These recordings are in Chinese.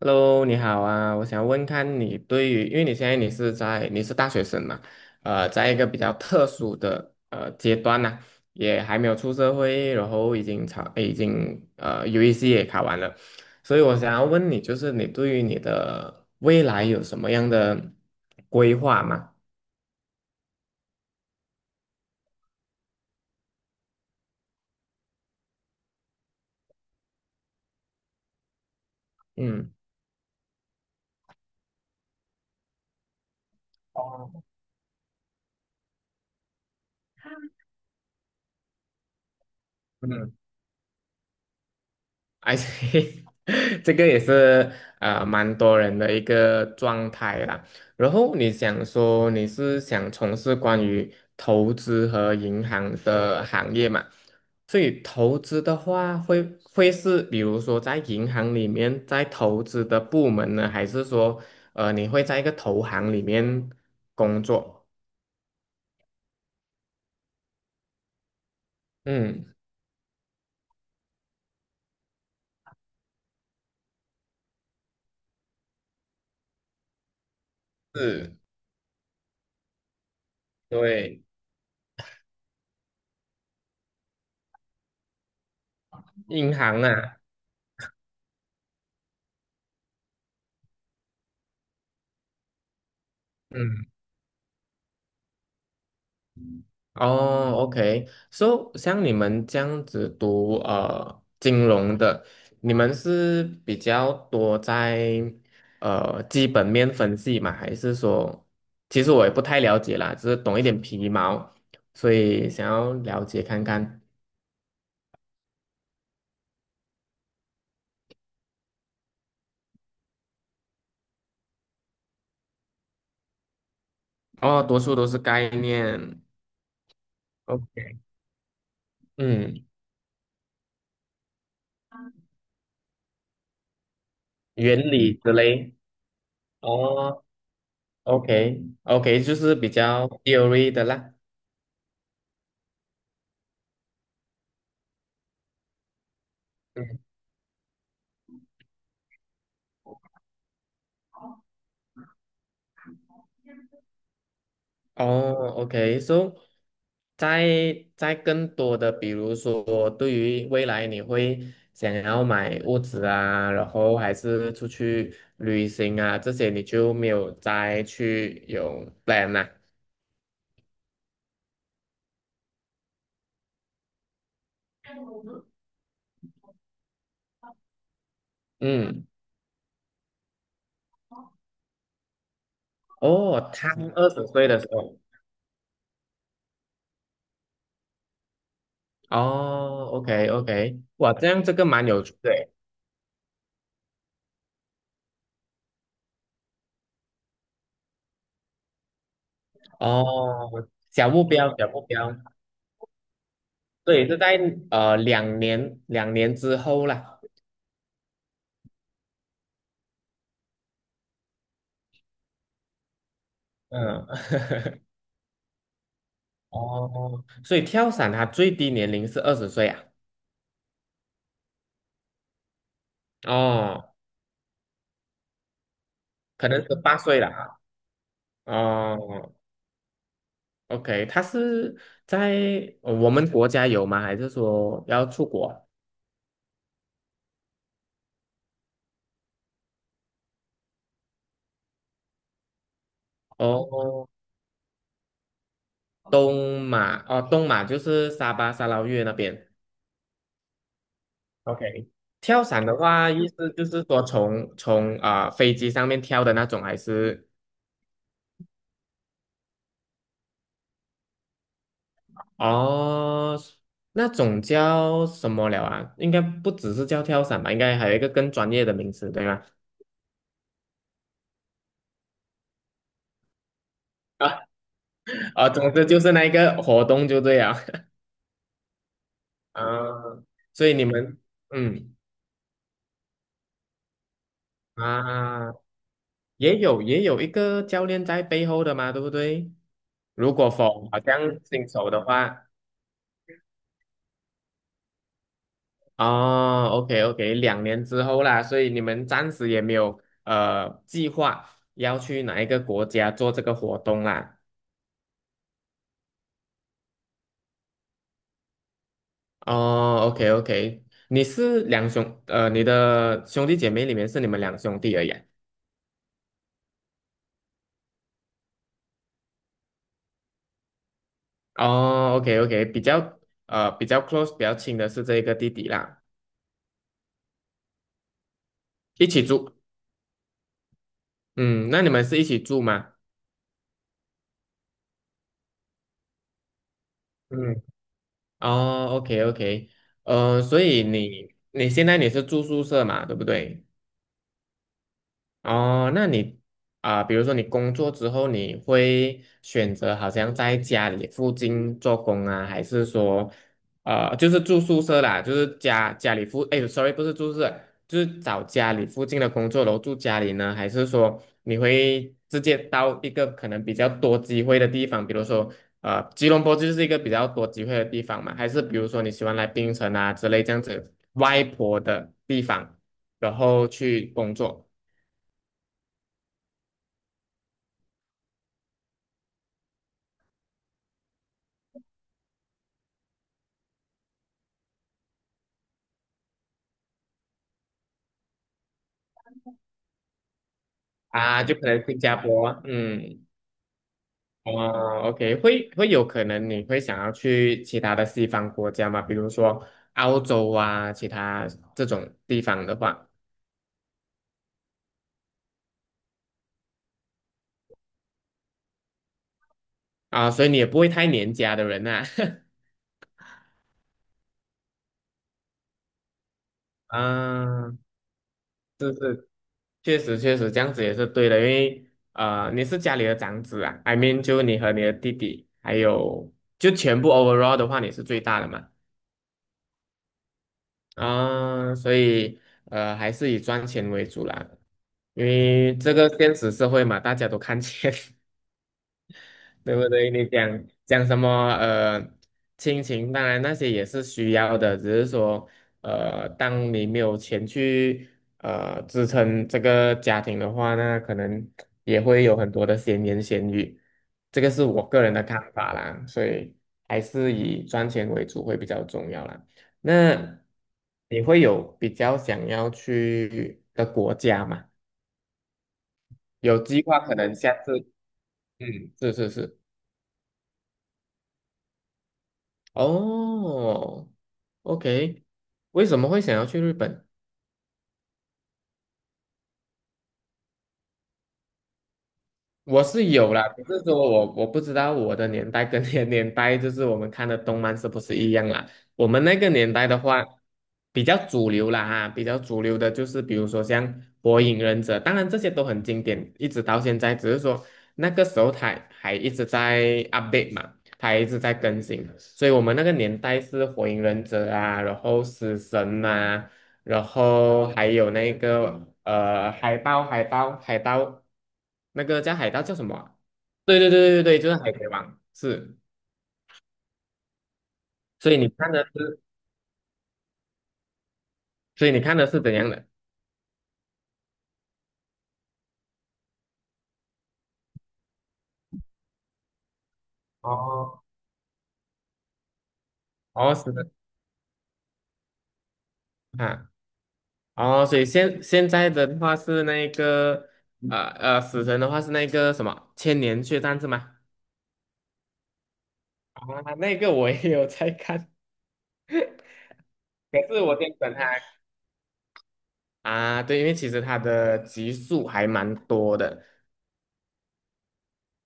Hello，你好啊，我想问看你对于，因为你现在你是在你是大学生嘛，在一个比较特殊的阶段呢、也还没有出社会，然后已经UEC 也考完了，所以我想要问你，就是你对于你的未来有什么样的规划吗？嗯。而且 这个也是蛮多人的一个状态啦。然后你想说你是想从事关于投资和银行的行业嘛？所以投资的话会，是比如说在银行里面在投资的部门呢，还是说你会在一个投行里面工作？嗯。是。对。银行啊。嗯。哦，OK，so 像你们这样子读金融的，你们是比较多在基本面分析吗？还是说，其实我也不太了解啦，只是懂一点皮毛，所以想要了解看看。哦，多数都是概念，OK，嗯，原理之类。哦，OK，OK，就是比较 theory 的啦。哦，OK，so 在更多的，比如说对于未来你会想要买屋子啊，然后还是出去旅行啊，这些你就没有再去有 plan 啦、嗯，哦，他二十岁的时候，哦，OK OK，哇，这样这个蛮有趣的诶，哦，小目标小目标，对，是在两年之后啦，嗯。哦，所以跳伞它最低年龄是二十岁啊？哦，可能是八岁了啊。哦，OK，它是在我们国家有吗？还是说要出国？哦，东马哦，东马就是沙巴、沙捞越那边。OK，跳伞的话，意思就是说从飞机上面跳的那种，还是哦那种叫什么了啊？应该不只是叫跳伞吧？应该还有一个更专业的名词，对吗？啊啊，总之就是那一个活动就对了 啊，所以你们嗯啊，也有一个教练在背后的嘛，对不对？如果否，好像新手的话，哦，OK OK，两年之后啦，所以你们暂时也没有计划要去哪一个国家做这个活动啦。哦，OK OK，你是你的兄弟姐妹里面是你们两兄弟而已啊哦，OK OK，比较比较 close 比较亲的是这个弟弟啦，一起住。嗯，那你们是一起住吗？嗯，哦，OK OK，所以你现在是住宿舍嘛，对不对？哦，那你比如说你工作之后，你会选择好像在家里附近做工啊，还是说，就是住宿舍啦，就是家家里附，哎，sorry，不是住宿舍，就是找家里附近的工作，然后住家里呢，还是说你会直接到一个可能比较多机会的地方，比如说，吉隆坡就是一个比较多机会的地方嘛，还是比如说你喜欢来槟城啊之类这样子外婆的地方，然后去工作？啊，就可能新加坡，嗯，哦，OK，会有可能你会想要去其他的西方国家嘛，比如说澳洲啊，其他这种地方的话，啊，所以你也不会太黏家的人呐、啊。确实确实这样子也是对的，因为你是家里的长子啊，I mean 就你和你的弟弟，还有就全部 overall 的话，你是最大的嘛。啊，所以还是以赚钱为主啦，因为这个现实社会嘛，大家都看钱。对不对？你讲讲什么？呃，亲情，当然那些也是需要的，只是说，当你没有钱去支撑这个家庭的话，那可能也会有很多的闲言闲语。这个是我个人的看法啦，所以还是以赚钱为主会比较重要啦。那你会有比较想要去的国家吗？有计划可能下次，嗯，是是是。哦，OK，为什么会想要去日本？我是有啦，只是说我不知道我的年代跟 你的年代，就是我们看的动漫是不是一样啦？我们那个年代的话，比较主流的就是比如说像《火影忍者》，当然这些都很经典，一直到现在，只是说那个时候它还一直在 update 嘛，它还一直在更新，所以我们那个年代是《火影忍者》啊，然后《死神》啊。然后还有那个海豹，海豹，海盗，那个叫海盗叫什么啊？对对对对对，就是海贼王，是。所以你看的是，所以你看的是怎样的？哦，哦，死神啊，哦，所以现在的话是那个死神的话是那个什么千年血战是吗？啊，那个我也有在看，可是我先等他啊，对，因为其实他的集数还蛮多的，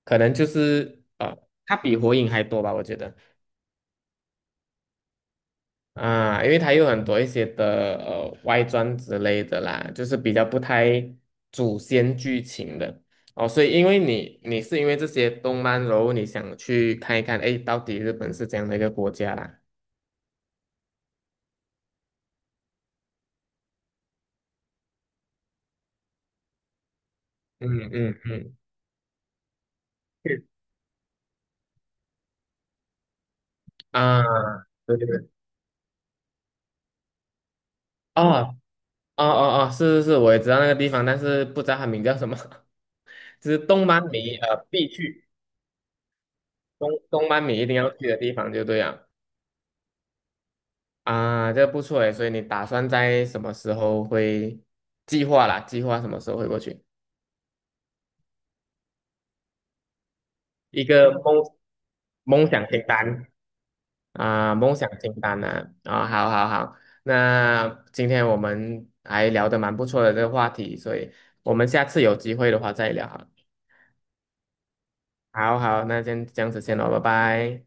可能就是它比火影还多吧，我觉得啊，因为它有很多一些的外传之类的啦，就是比较不太主线剧情的哦，所以因为你你是因为这些动漫，然后你想去看一看，哎，到底日本是怎样的一个国家啦？嗯嗯嗯，是啊，对对对，哦哦哦哦，是是是，我也知道那个地方，但是不知道它名叫什么，就是动漫迷一定要去的地方就对了。啊，这个不错诶，所以你打算在什么时候会计划啦？计划什么时候会过去？一个梦想清单啊，梦想清单啊，啊，好好好，那今天我们还聊得蛮不错的这个话题，所以我们下次有机会的话再聊好了好好，那先这样子先咯，拜拜。